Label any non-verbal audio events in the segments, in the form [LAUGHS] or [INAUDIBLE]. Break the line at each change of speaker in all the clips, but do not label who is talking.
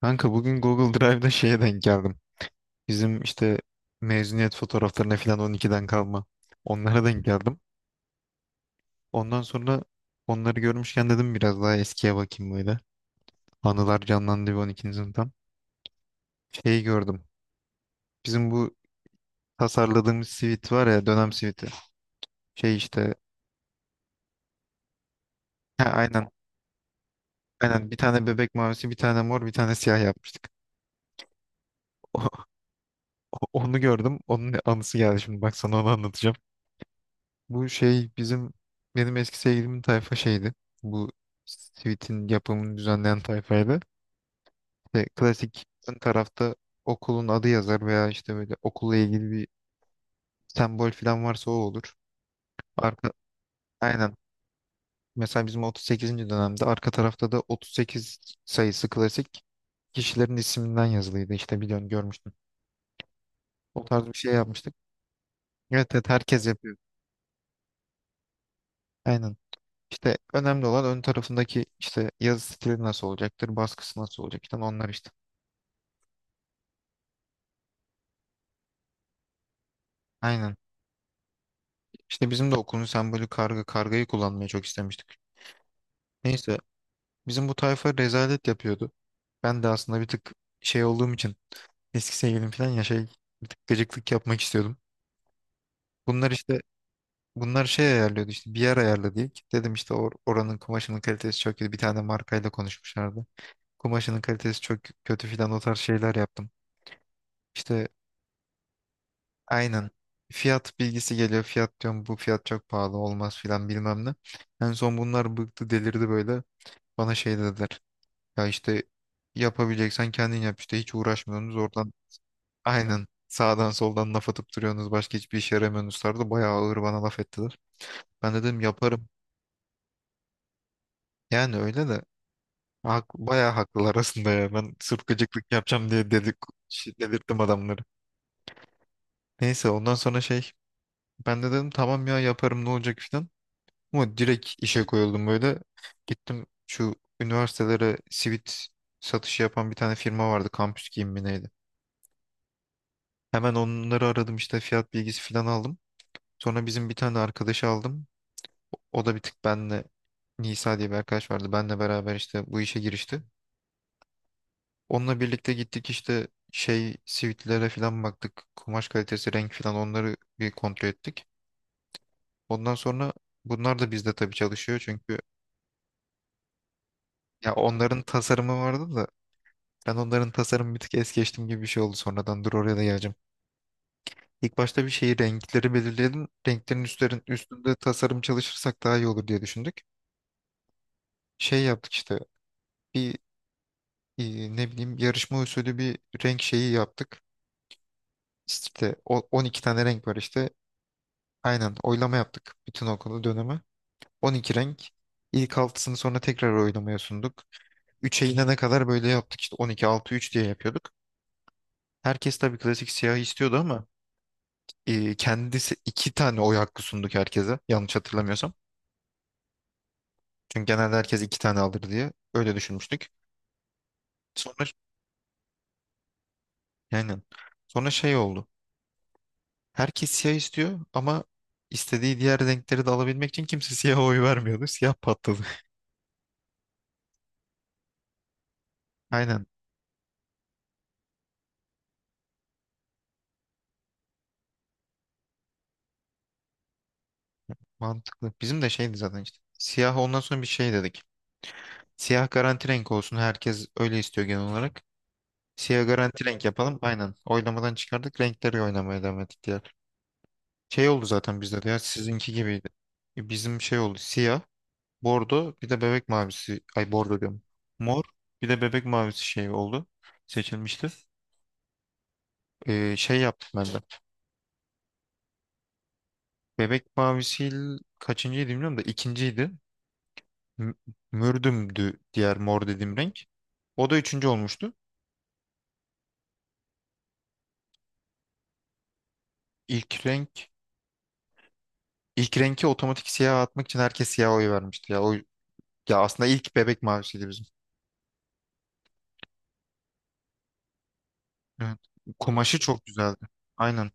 Kanka bugün Google Drive'da şeye denk geldim. Bizim işte mezuniyet fotoğraflarına falan 12'den kalma. Onlara denk geldim. Ondan sonra onları görmüşken dedim biraz daha eskiye bakayım böyle. Anılar canlandı bir 12. sınıftan. Şeyi gördüm. Bizim bu tasarladığımız sivit var ya dönem siviti. Şey işte ha, aynen, aynen bir tane bebek mavisi, bir tane mor, bir tane siyah yapmıştık. [LAUGHS] Onu gördüm. Onun anısı geldi şimdi. Bak sana onu anlatacağım. Bu şey bizim, benim eski sevgilimin tayfa şeydi. Bu Sweet'in yapımını düzenleyen tayfaydı. İşte klasik ön tarafta okulun adı yazar veya işte böyle okulla ilgili bir sembol falan varsa o olur. Arka, aynen. Mesela bizim 38. dönemde arka tarafta da 38 sayısı klasik kişilerin isminden yazılıydı. İşte biliyorsun, görmüştüm. O tarz bir şey yapmıştık. Evet, evet, herkes yapıyor. Aynen. İşte önemli olan ön tarafındaki işte yazı stili nasıl olacaktır, baskısı nasıl olacak falan, onlar işte. Aynen. İşte bizim de okulun sembolü karga. Kargayı kullanmayı çok istemiştik. Neyse, bizim bu tayfa rezalet yapıyordu. Ben de aslında bir tık şey olduğum için, eski sevgilim falan ya şey, bir tık gıcıklık yapmak istiyordum. Bunlar işte Bunlar şey ayarlıyordu, işte bir yer ayarladı ilk. Dedim işte oranın kumaşının kalitesi çok kötü. Bir tane markayla konuşmuşlardı. Kumaşının kalitesi çok kötü filan, o tarz şeyler yaptım. İşte aynen fiyat bilgisi geliyor. Fiyat diyorum bu fiyat çok pahalı olmaz filan bilmem ne. En son bunlar bıktı, delirdi böyle. Bana şey dediler. Ya işte, yapabileceksen kendin yap, işte hiç uğraşmıyorsunuz oradan, [LAUGHS] aynen, sağdan soldan laf atıp duruyorsunuz, başka hiçbir işe yaramıyorsunuz tarzı, bayağı ağır bana laf ettiler. Ben dedim yaparım. Yani öyle de bayağı haklılar aslında ya. Ben sırf gıcıklık yapacağım diye dedik, şey, dedirttim adamları. Neyse, ondan sonra şey, ben de dedim tamam ya, yaparım ne olacak filan. Ama direkt işe koyuldum böyle. Gittim, şu üniversitelere sivit satışı yapan bir tane firma vardı. Kampüs giyim mi neydi? Hemen onları aradım, işte fiyat bilgisi falan aldım. Sonra bizim bir tane arkadaşı aldım. O da bir tık benle, Nisa diye bir arkadaş vardı. Benle beraber işte bu işe girişti. Onunla birlikte gittik, işte şey sivitlere falan baktık. Kumaş kalitesi, renk falan, onları bir kontrol ettik. Ondan sonra bunlar da bizde tabii çalışıyor çünkü, ya onların tasarımı vardı da, ben onların tasarımı bir tık es geçtim gibi bir şey oldu sonradan. Dur, oraya da geleceğim. İlk başta bir şeyi, renkleri belirleyelim. Renklerin üstünde tasarım çalışırsak daha iyi olur diye düşündük. Şey yaptık işte, bir ne bileyim yarışma usulü bir renk şeyi yaptık. İşte 12 tane renk var işte. Aynen, oylama yaptık bütün okulu, dönemi. 12 renk. İlk altısını sonra tekrar oylamaya sunduk. 3'e inene kadar böyle yaptık, işte 12, altı, 3 diye yapıyorduk. Herkes tabii klasik siyah istiyordu ama kendisi, iki tane oy hakkı sunduk herkese yanlış hatırlamıyorsam. Çünkü genelde herkes iki tane alır diye öyle düşünmüştük. Sonra, yani sonra şey oldu. Herkes siyah istiyor ama istediği diğer renkleri de alabilmek için kimse [LAUGHS] siyaha oy vermiyordu. Siyah patladı. [LAUGHS] Aynen, mantıklı. Bizim de şeydi zaten işte. Siyah, ondan sonra bir şey dedik. Siyah garanti renk olsun. Herkes öyle istiyor genel olarak. Siyah garanti renk yapalım. Aynen. Oylamadan çıkardık. Renkleri oynamaya devam ettik diğer. Şey oldu zaten bizde de, ya sizinki gibiydi. Bizim şey oldu, siyah. Bordo bir de bebek mavisi. Ay, bordo diyorum. Mor bir de bebek mavisi şey oldu. Seçilmişti. Şey yaptım ben de. Bebek mavisi kaçıncıydı bilmiyorum da ikinciydi. M- Mürdüm'dü diğer mor dediğim renk. O da üçüncü olmuştu. İlk renk, ilk renki otomatik siyah atmak için herkes siyah oy vermişti. Ya aslında ilk bebek mavisiydi bizim. Evet. Kumaşı çok güzeldi. Aynen.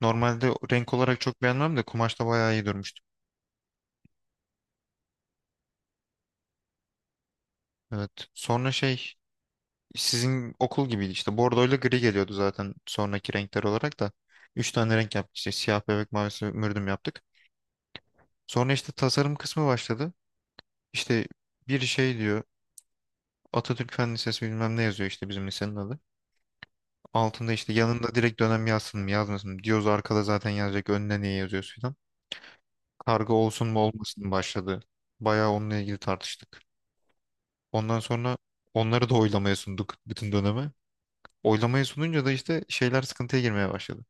Normalde renk olarak çok beğenmem de kumaşta bayağı iyi durmuştu. Evet. Sonra şey, sizin okul gibiydi işte. Bordoyla gri geliyordu zaten sonraki renkler olarak da. Üç tane renk yaptık işte. Siyah, bebek mavisi, mürdüm yaptık. Sonra işte tasarım kısmı başladı. İşte bir şey diyor. Atatürk Fen Lisesi bilmem ne yazıyor, işte bizim lisenin adı. Altında işte, yanında direkt dönem yazsın mı yazmasın mı diyoruz. Arkada zaten yazacak, önüne niye yazıyorsun falan. Karga olsun mu olmasın mı başladı. Bayağı onunla ilgili tartıştık. Ondan sonra onları da oylamaya sunduk bütün döneme. Oylamaya sununca da işte şeyler sıkıntıya girmeye başladı.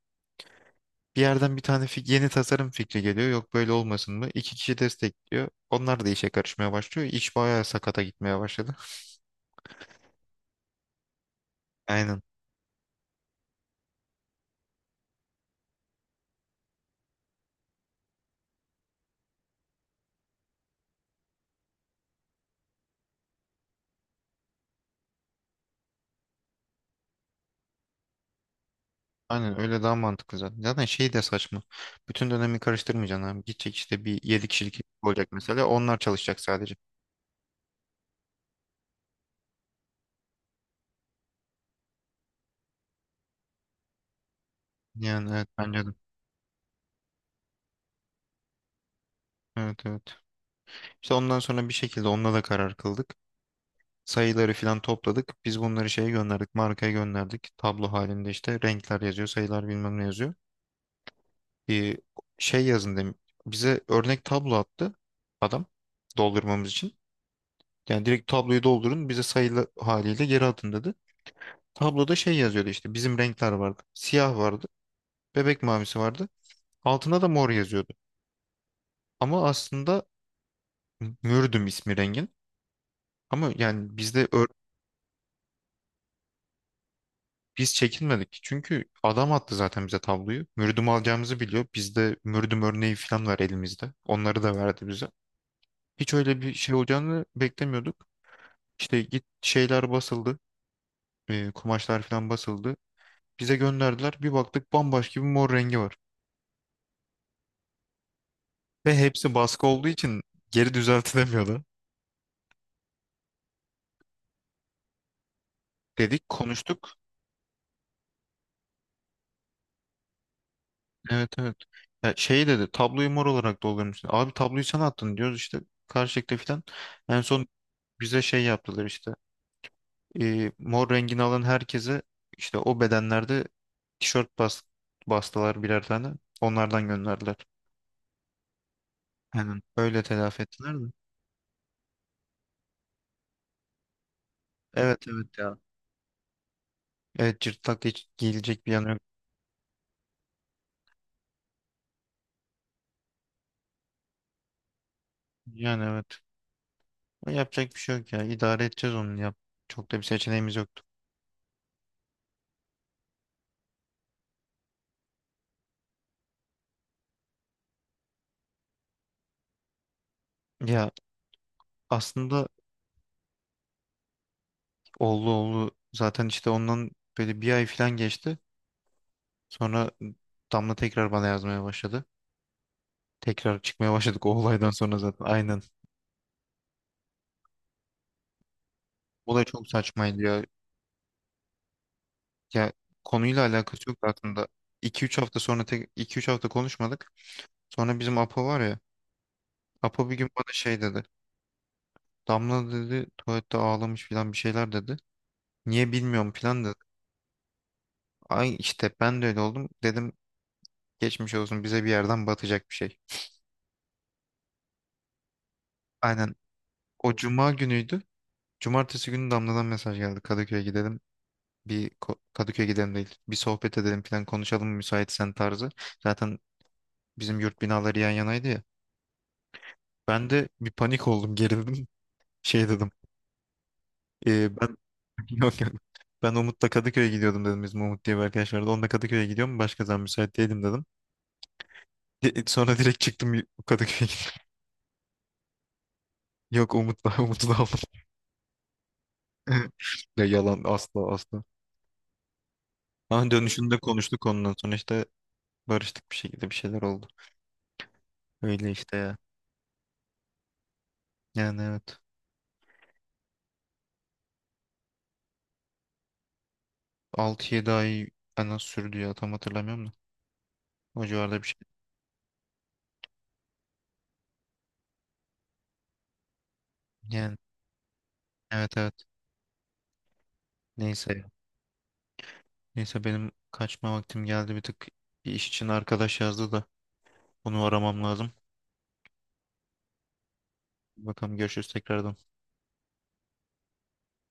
Bir yerden bir tane yeni tasarım fikri geliyor. Yok, böyle olmasın mı? İki kişi destekliyor. Onlar da işe karışmaya başlıyor. İş bayağı sakata gitmeye başladı. Aynen. Aynen, öyle daha mantıklı zaten. Zaten şey de saçma. Bütün dönemi karıştırmayacaksın abi. Gidecek işte bir 7 kişilik ekip olacak mesela. Onlar çalışacak sadece. Yani evet, bence de. Evet, evet. İşte ondan sonra bir şekilde onunla da karar kıldık. Sayıları filan topladık. Biz bunları şeye gönderdik. Markaya gönderdik. Tablo halinde işte renkler yazıyor. Sayılar bilmem ne yazıyor. e, şey yazın demiş. Bize örnek tablo attı adam, doldurmamız için. Yani direkt tabloyu doldurun, bize sayılı haliyle geri atın dedi. Tabloda şey yazıyordu, işte bizim renkler vardı. Siyah vardı, bebek mavisi vardı. Altına da mor yazıyordu. Ama aslında mürdüm ismi rengin. Ama yani bizde biz çekinmedik. Çünkü adam attı zaten bize tabloyu. Mürdüm alacağımızı biliyor. Bizde mürdüm örneği falan var elimizde. Onları da verdi bize. Hiç öyle bir şey olacağını beklemiyorduk. İşte git şeyler basıldı. Kumaşlar falan basıldı. Bize gönderdiler. Bir baktık bambaşka bir mor rengi var. Ve hepsi baskı olduğu için geri [LAUGHS] düzeltilemiyordu. Dedik, konuştuk. Evet, evet. Ya şey dedi, tabloyu mor olarak doldurmuşsun. Abi tabloyu sen attın diyoruz işte. Karşılıklı falan. En son bize şey yaptılar işte. Mor rengini alan herkese, işte o bedenlerde tişört bastılar birer tane. Onlardan gönderdiler. Aynen. Öyle telafi ettiler de. Evet, evet ya. Evet, cırtlak, hiç gelecek bir yanı yok. Yani evet. Ama yapacak bir şey yok ya. İdare edeceğiz onu yap. Çok da bir seçeneğimiz yoktu. Ya aslında oldu, oldu. Zaten işte ondan böyle bir ay falan geçti. Sonra Damla tekrar bana yazmaya başladı. Tekrar çıkmaya başladık o olaydan sonra zaten. Aynen. Olay çok saçmaydı ya. Ya konuyla alakası yok aslında. İki üç hafta sonra tek 2-3 hafta konuşmadık. Sonra bizim Apo var ya. Apo bir gün bana şey dedi. Damla dedi tuvalette ağlamış falan, bir şeyler dedi. Niye bilmiyorum plan da. Ay işte ben de öyle oldum. Dedim geçmiş olsun, bize bir yerden batacak bir şey. Aynen. O cuma günüydü. Cumartesi günü Damla'dan mesaj geldi. Kadıköy'e gidelim. Kadıköy'e gidelim değil. Bir sohbet edelim falan, konuşalım mı müsaitsen tarzı. Zaten bizim yurt binaları yan yanaydı ya. Ben de bir panik oldum, gerildim. [LAUGHS] Şey dedim. Ben [LAUGHS] yok. Ben Umut'la Kadıköy'e gidiyordum" dedim. Bizim Umut diye bir arkadaş vardı. Onunla Kadıköy'e gidiyorum. Başka zaman müsait değilim dedim. Sonra direkt çıktım Kadıköy'e. [LAUGHS] Yok Umut'la [LAUGHS] Umut'la aldım. [LAUGHS] Ya yalan, asla, asla. Ama dönüşünde konuştuk, ondan sonra işte barıştık bir şekilde, bir şeyler oldu. Öyle işte ya. Yani evet. Altı yedi ay en az sürdü ya, tam hatırlamıyorum da. O civarda bir şey. Yani evet, evet. Neyse ya. Neyse benim kaçma vaktim geldi bir tık. Bir iş için arkadaş yazdı da onu aramam lazım. Bakalım, görüşürüz tekrardan.